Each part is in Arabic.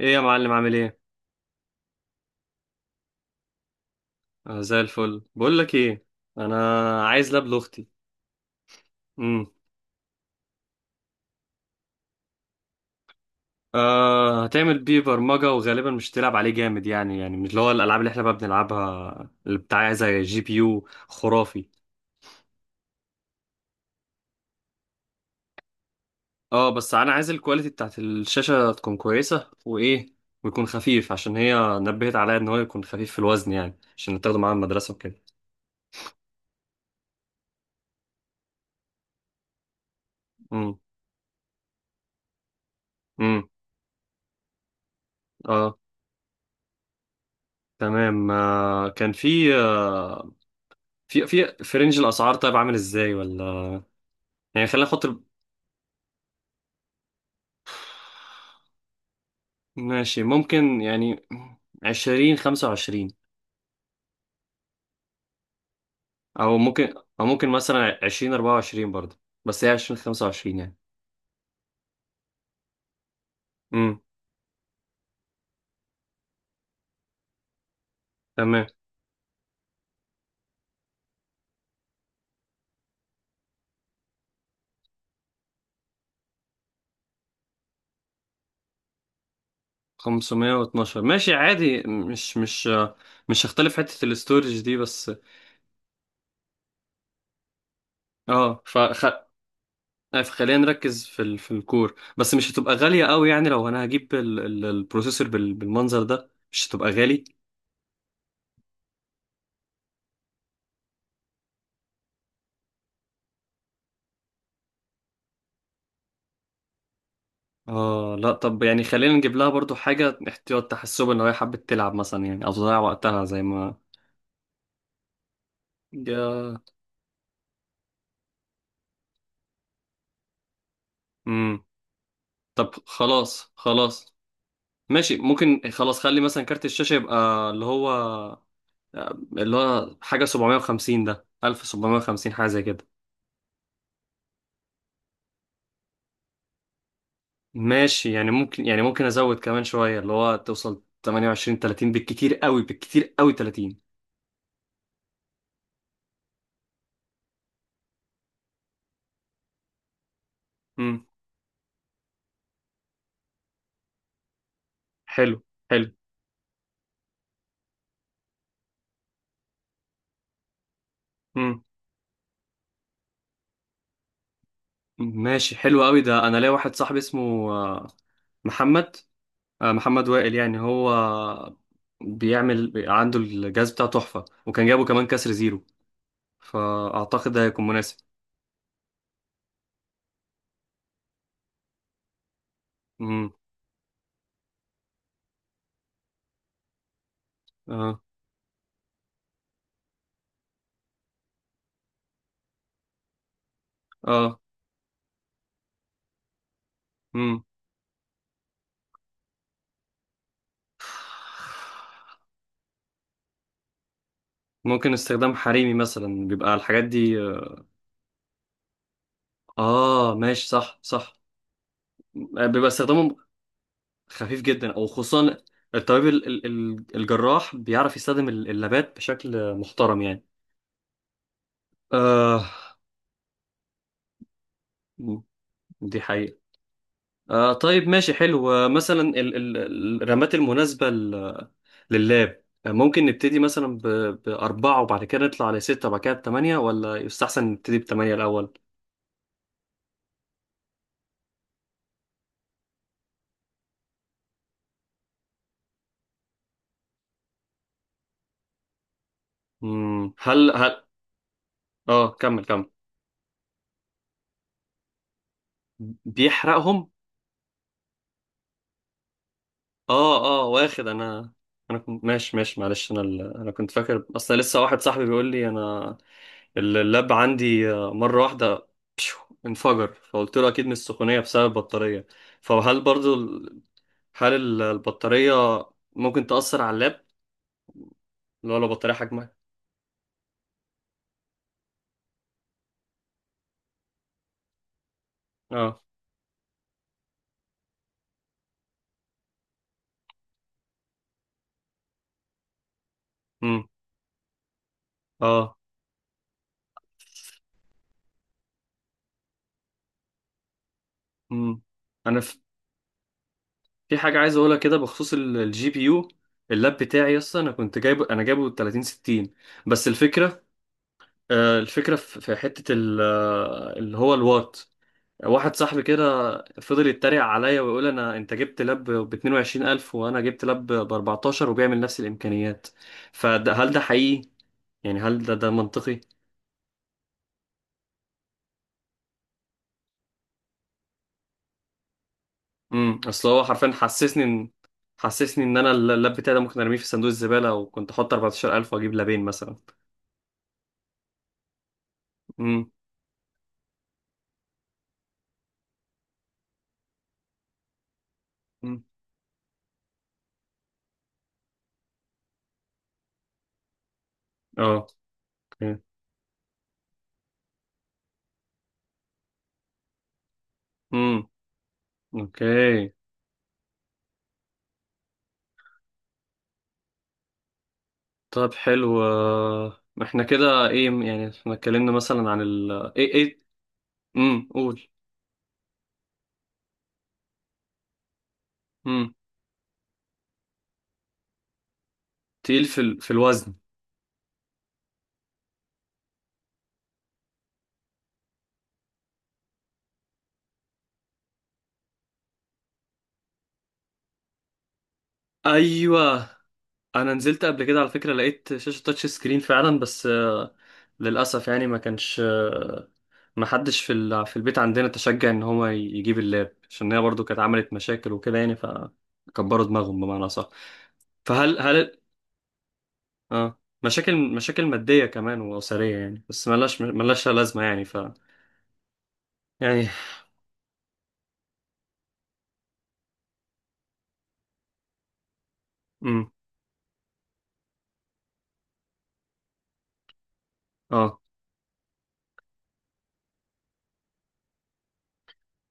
ايه يا معلم عامل ايه؟ آه زي الفل. بقول لك ايه. انا عايز لاب لاختي. امم. آه هتعمل بيه برمجه وغالبا مش تلعب عليه جامد يعني مش اللي هو الالعاب اللي احنا بقى بنلعبها اللي بتاع زي جي بي يو خرافي. اه بس انا عايز الكواليتي بتاعت الشاشه تكون كويسه وايه. ويكون خفيف عشان هي نبهت عليا ان هو يكون خفيف في الوزن يعني، عشان تاخده معاها المدرسه وكده. امم. امم. اه تمام. كان في في رينج الاسعار، طيب عامل ازاي ولا؟ يعني خلينا نحط. ماشي ممكن يعني، 20 25، أو ممكن. أو ممكن مثلا 20 24 برضه. بس هي 20 25 يعني. امم. تمام. 512 ماشي عادي. مش هختلف حتة الاستورج دي بس. اه، خلينا نركز في الكور بس، مش هتبقى غالية قوي يعني. لو أنا هجيب البروسيسور بالمنظر ده، مش هتبقى غالي. اه لا، طب يعني خلينا نجيب لها برضو حاجة احتياط، تحسب ان هي حبت تلعب مثلا يعني، او تضيع وقتها زي ما... يا... امم. طب خلاص خلاص. ماشي ممكن خلاص، خلي مثلا كارت الشاشة يبقى اللي هو، اللي هو حاجة 750، ده 1750، حاجة زي كده. ماشي يعني، ممكن يعني ممكن ازود كمان شوية اللي هو توصل 28 30، بالكتير قوي، بالكتير قوي 30. امم. حلو. حلو. امم. ماشي حلو قوي ده. انا ليا واحد صاحبي اسمه محمد، محمد وائل. يعني هو بيعمل عنده الجهاز بتاعه تحفة، وكان جابه كمان كسر زيرو، فأعتقد ده هيكون مناسب. مم. اه. اه. مم. ممكن استخدام حريمي مثلا بيبقى الحاجات دي. اه ماشي صح صح. بيبقى استخدامه خفيف جدا، او خصوصا الطبيب الجراح بيعرف يستخدم اللابات بشكل محترم يعني. آه دي حقيقة. طيب ماشي حلو، مثلا الرمات المناسبة لللاب ممكن نبتدي مثلا بأربعة، وبعد كده نطلع لستة، وبعد كده بثمانية، ولا يستحسن نبتدي بثمانية الأول. مم. هل اه كمل كمل. بيحرقهم. اه اه، واخد انا... انا كنت ماشي معلش. انا انا كنت فاكر. اصل لسه واحد صاحبي بيقول لي: انا اللاب عندي مرة واحدة انفجر. فقلت له اكيد من السخونية بسبب البطارية. فهل برضو هل البطارية ممكن تأثر على اللاب؟ لو بطارية حجمها... اه. امم. اه. مم. انا ف- في حاجه عايز اقولها كده بخصوص الجي بي يو. اللاب بتاعي يس انا كنت جايبه، انا جايبه 30 60 بس. الفكره الفكره في حته اللي هو الوات. واحد صاحبي كده فضل يتريق عليا ويقول: انا انت جبت لاب ب 22,000، وانا جبت لاب ب 14، وبيعمل نفس الامكانيات. فهل ده حقيقي؟ يعني هل ده منطقي؟ امم. اصل هو حرفيا حسسني ان انا اللاب بتاعي ده ممكن ارميه في صندوق الزباله، وكنت احط 14,000 واجيب لابين مثلا. امم. امم. اه. اوكي. امم. اوكي. طب حلو، احنا كده ايه يعني، احنا اتكلمنا مثلا عن ال... ايه ايه. قول. امم. تقيل في في الوزن، ايوه. انا نزلت قبل كده على فكرة لقيت شاشة تاتش سكرين فعلا بس للاسف يعني ما كانش ما حدش في في البيت عندنا تشجع ان هو يجيب اللاب، عشان هي برضو كانت عملت مشاكل وكده يعني، فكبروا دماغهم بمعنى صح. فهل اه مشاكل، مشاكل مادية كمان وأسرية يعني، بس ملاش ملاشها لازمة يعني ف... يعني. امم. اه.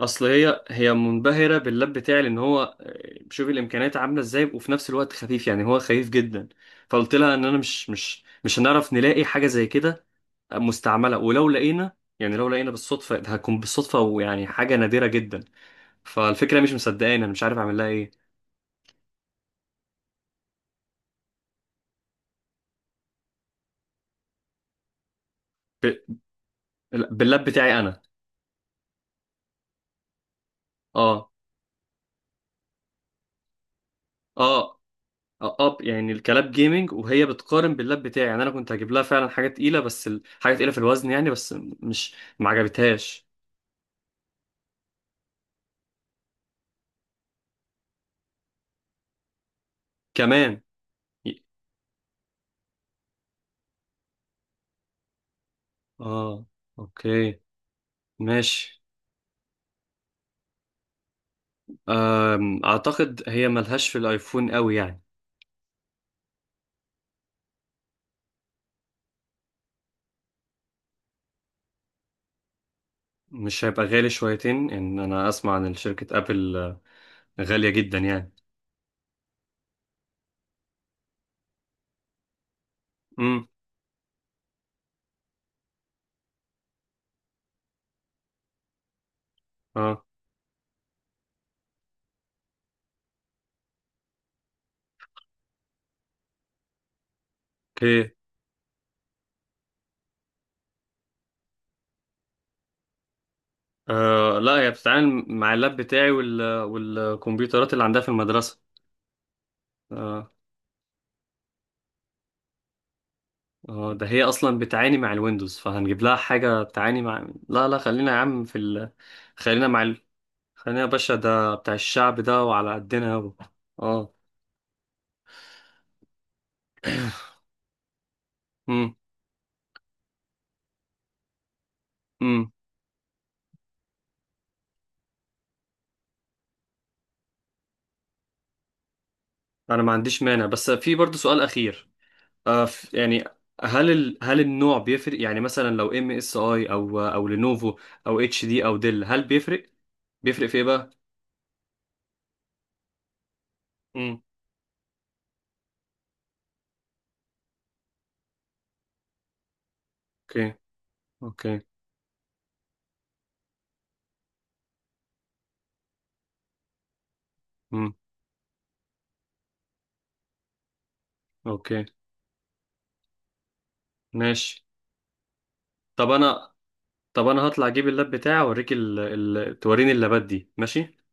اصل هي منبهرة باللاب بتاعي لان هو شوف الامكانيات عاملة ازاي، وفي نفس الوقت خفيف يعني، هو خفيف جدا. فقلت لها ان انا مش هنعرف نلاقي حاجة زي كده مستعملة، ولو لقينا يعني لو لقينا بالصدفة هتكون بالصدفة، ويعني حاجة نادرة جدا. فالفكرة مش مصدقاني، انا مش عارف اعمل لها ايه. ب- باللاب بتاعي انا. اه. اه. اب يعني الكلاب جيمنج وهي بتقارن باللاب بتاعي يعني، انا كنت هجيب لها فعلا حاجه تقيله بس حاجه تقيله في الوزن يعني بس. مش ما عجبتهاش. كمان. ي- اه. اوكي. ماشي. اعتقد هي ملهاش في الايفون قوي يعني. مش هيبقى غالي شويتين؟ ان انا اسمع عن شركه ابل غاليه جدا يعني. امم. اه. اوكي. آه لا، هي بتتعامل مع اللاب بتاعي والكمبيوترات اللي عندها في المدرسه. آه، اه ده هي اصلا بتعاني مع الويندوز، فهنجيب لها حاجه بتعاني مع... لا لا، خلينا يا عم في خلينا مع خلينا يا باشا ده بتاع الشعب ده وعلى قدنا و... اه. امم. امم. انا ما عنديش مانع، بس في برضو سؤال اخير. يعني هل هل النوع بيفرق؟ يعني مثلا لو ام اس اي او لينوفو او اتش دي او ديل، هل بيفرق؟ بيفرق في ايه بقى؟ امم. اوكي. اوكي. امم. اوكي. ماشي. طب انا طب انا هطلع اجيب اللاب بتاعي اوريك توريني اللابات دي، ماشي.